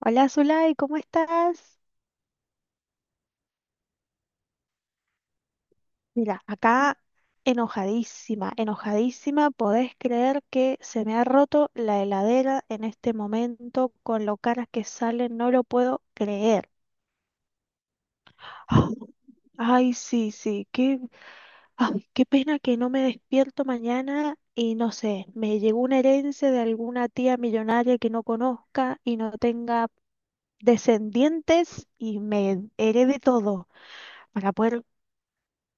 Hola Zulay, ¿cómo estás? Mira, acá enojadísima, enojadísima. ¿Podés creer que se me ha roto la heladera en este momento con lo caras que salen? No lo puedo creer. Ah, ay, sí, sí, qué, ay, qué pena que no me despierto mañana y no sé, me llegó una herencia de alguna tía millonaria que no conozca y no tenga descendientes y me herede todo para poder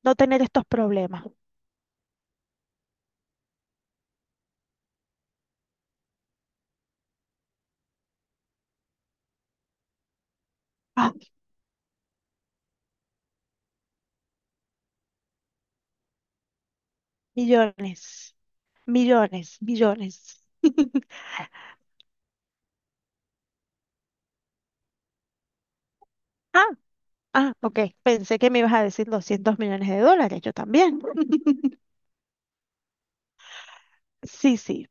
no tener estos problemas. Millones, millones, millones. Ah, ah, ok. Pensé que me ibas a decir 200 millones de dólares, yo también. Sí, sí.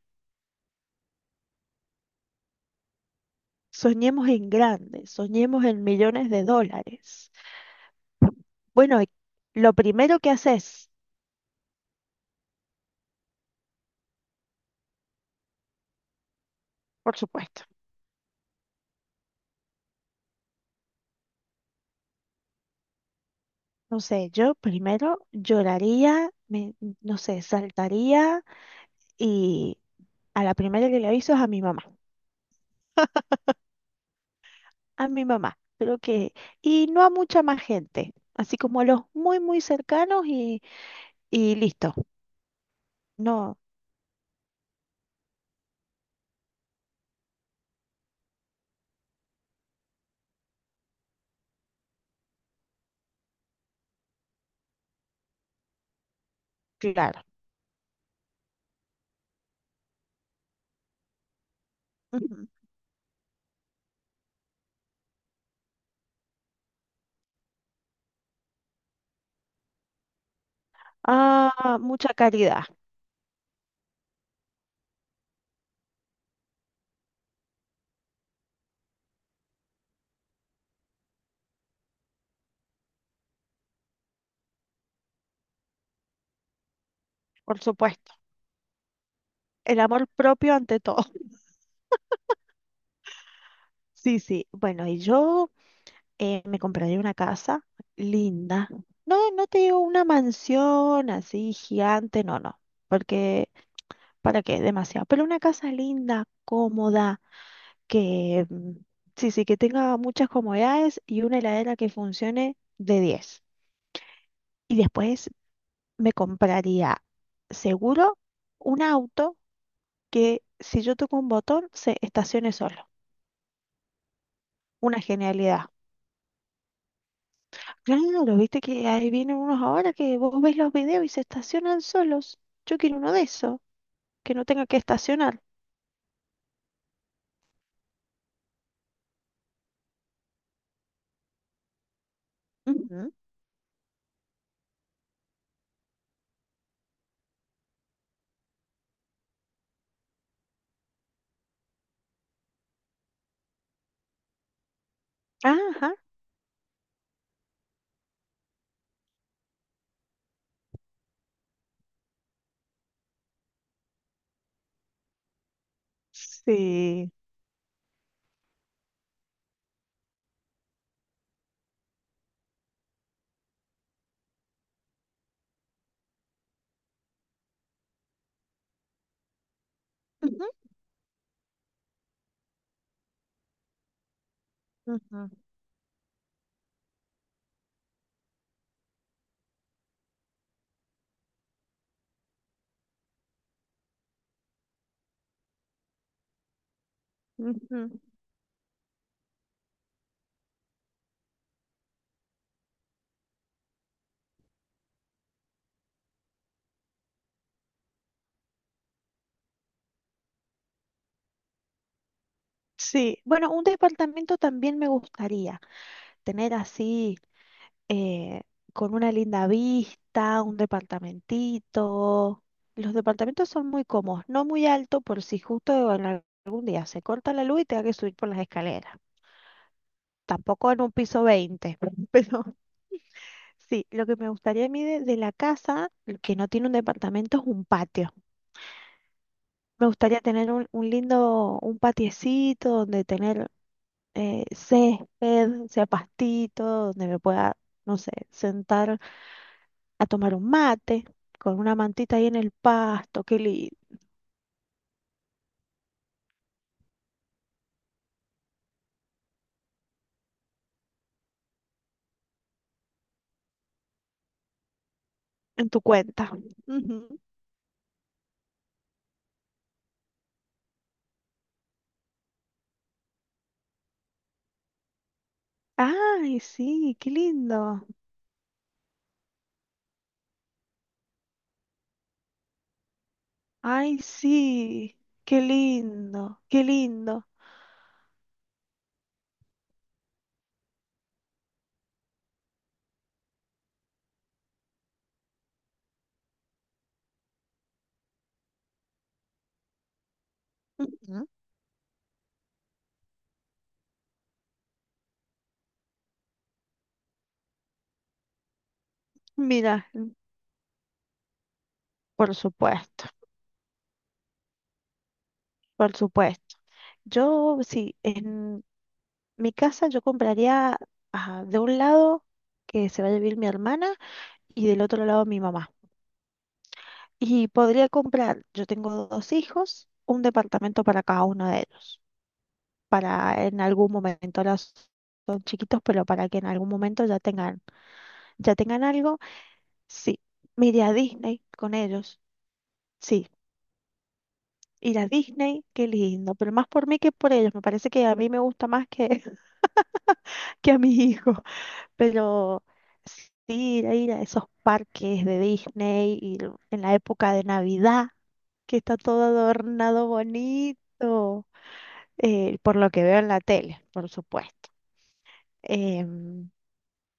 Soñemos en grande, soñemos en millones de dólares. Bueno, y lo primero que haces, por supuesto, no sé, yo primero lloraría, me, no sé, saltaría y a la primera que le aviso es a mi mamá. A mi mamá, creo que, y no a mucha más gente, así como a los muy, muy cercanos y listo. No, claro. Ujú. Ah, mucha caridad, por supuesto. El amor propio ante todo. Sí, sí. Bueno, y yo me compraría una casa linda. No, no te digo una mansión así gigante, no, no, porque ¿para qué? Demasiado. Pero una casa linda, cómoda que sí, sí, que tenga muchas comodidades y una heladera que funcione de diez. Y después me compraría seguro un auto que si yo toco un botón se estacione solo. Una genialidad. Claro, viste que ahí vienen unos ahora que vos ves los videos y se estacionan solos. Yo quiero uno de esos, que no tenga que estacionar. Ujú. Ajá, sí. Ujú, ujú, ujú. Sí, bueno, un departamento también me gustaría tener así, eh, con una linda vista, un departamentito. Los departamentos son muy cómodos, no muy alto por si justo en algún día se corta la luz y tenga que subir por las escaleras. Tampoco en un piso 20, pero sí, lo que me gustaría a mí de la casa, que no tiene un departamento, es un patio. Me gustaría tener un lindo, un patiecito donde tener césped, sea pastito, donde me pueda, no sé, sentar a tomar un mate con una mantita ahí en el pasto, qué lindo, en tu cuenta. Ujú. Ay, sí, qué lindo. Ay, sí, qué lindo, qué lindo. Ujú. Mira, por supuesto, por supuesto. Yo, sí, en mi casa yo compraría ah, de un lado que se va a vivir mi hermana y del otro lado mi mamá. Y podría comprar, yo tengo dos hijos, un departamento para cada uno de ellos. Para en algún momento, ahora son chiquitos, pero para que en algún momento ya tengan algo, sí, me iré a Disney con ellos, sí, ir a Disney, qué lindo, pero más por mí que por ellos, me parece que a mí me gusta más que, que a mis hijos, pero sí, ir a, ir a esos parques de Disney, ir en la época de Navidad, que está todo adornado bonito, por lo que veo en la tele, por supuesto. Em,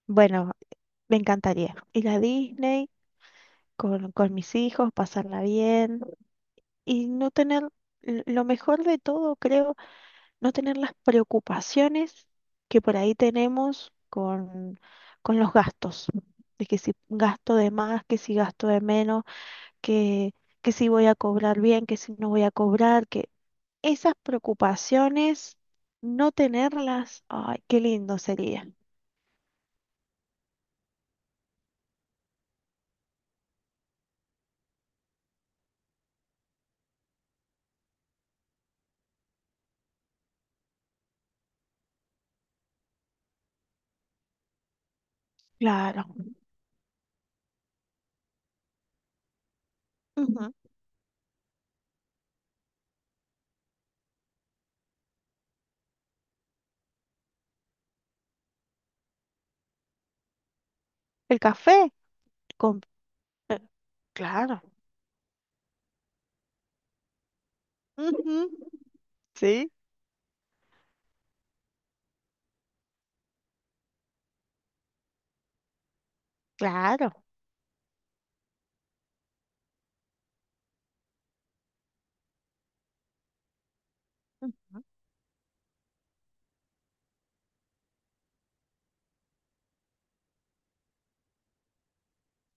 bueno, me encantaría ir a Disney con mis hijos, pasarla bien y no tener, lo mejor de todo, creo, no tener las preocupaciones que por ahí tenemos con los gastos. De que si gasto de más, que si gasto de menos, que, que si voy a cobrar bien, que si no voy a cobrar, que esas preocupaciones, no tenerlas, ay, qué lindo sería. Claro. Ujú. El café, con, claro. Ujú, sí, claro. Ujú,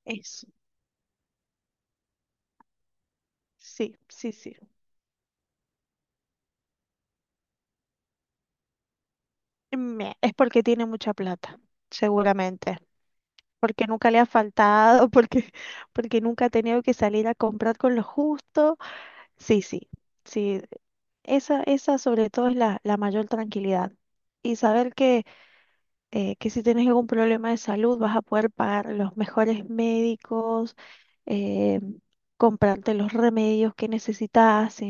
eso. Sí, sí, sí. Es porque tiene mucha plata, seguramente. Porque nunca le ha faltado, porque, porque nunca ha tenido que salir a comprar con lo justo. Sí, sí, sí. Esa sobre todo es la, la mayor tranquilidad. Y saber que si tienes algún problema de salud vas a poder pagar los mejores médicos, eh, comprarte los remedios que necesitas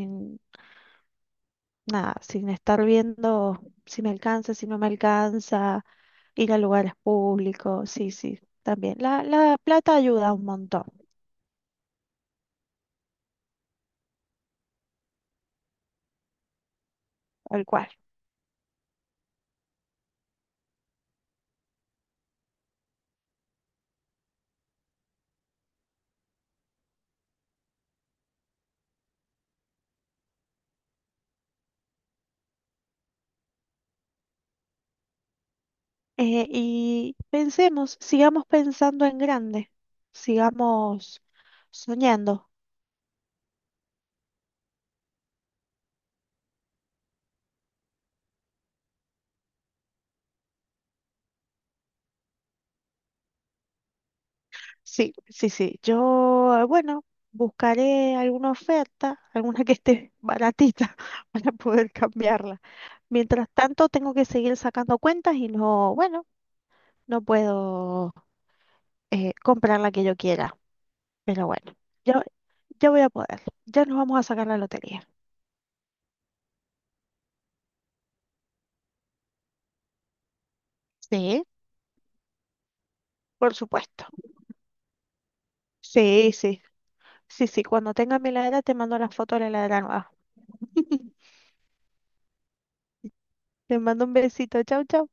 nada, sin estar viendo si me alcanza, si no me alcanza, ir a lugares públicos, sí, sí, también. La plata ayuda un montón, tal cual. Y pensemos, sigamos pensando en grande, sigamos soñando. Sí, sí, sí. Yo, bueno, buscaré alguna oferta, alguna que esté baratita para poder cambiarla. Mientras tanto, tengo que seguir sacando cuentas y no, bueno, no puedo comprar la que yo quiera. Pero bueno, yo, yo voy a poder. Ya nos vamos a sacar la lotería. Sí, por supuesto. Sí, sí, sí, sí. Cuando tenga mi heladera te mando la foto de la heladera nueva. Te mando un besito. Chau, chau.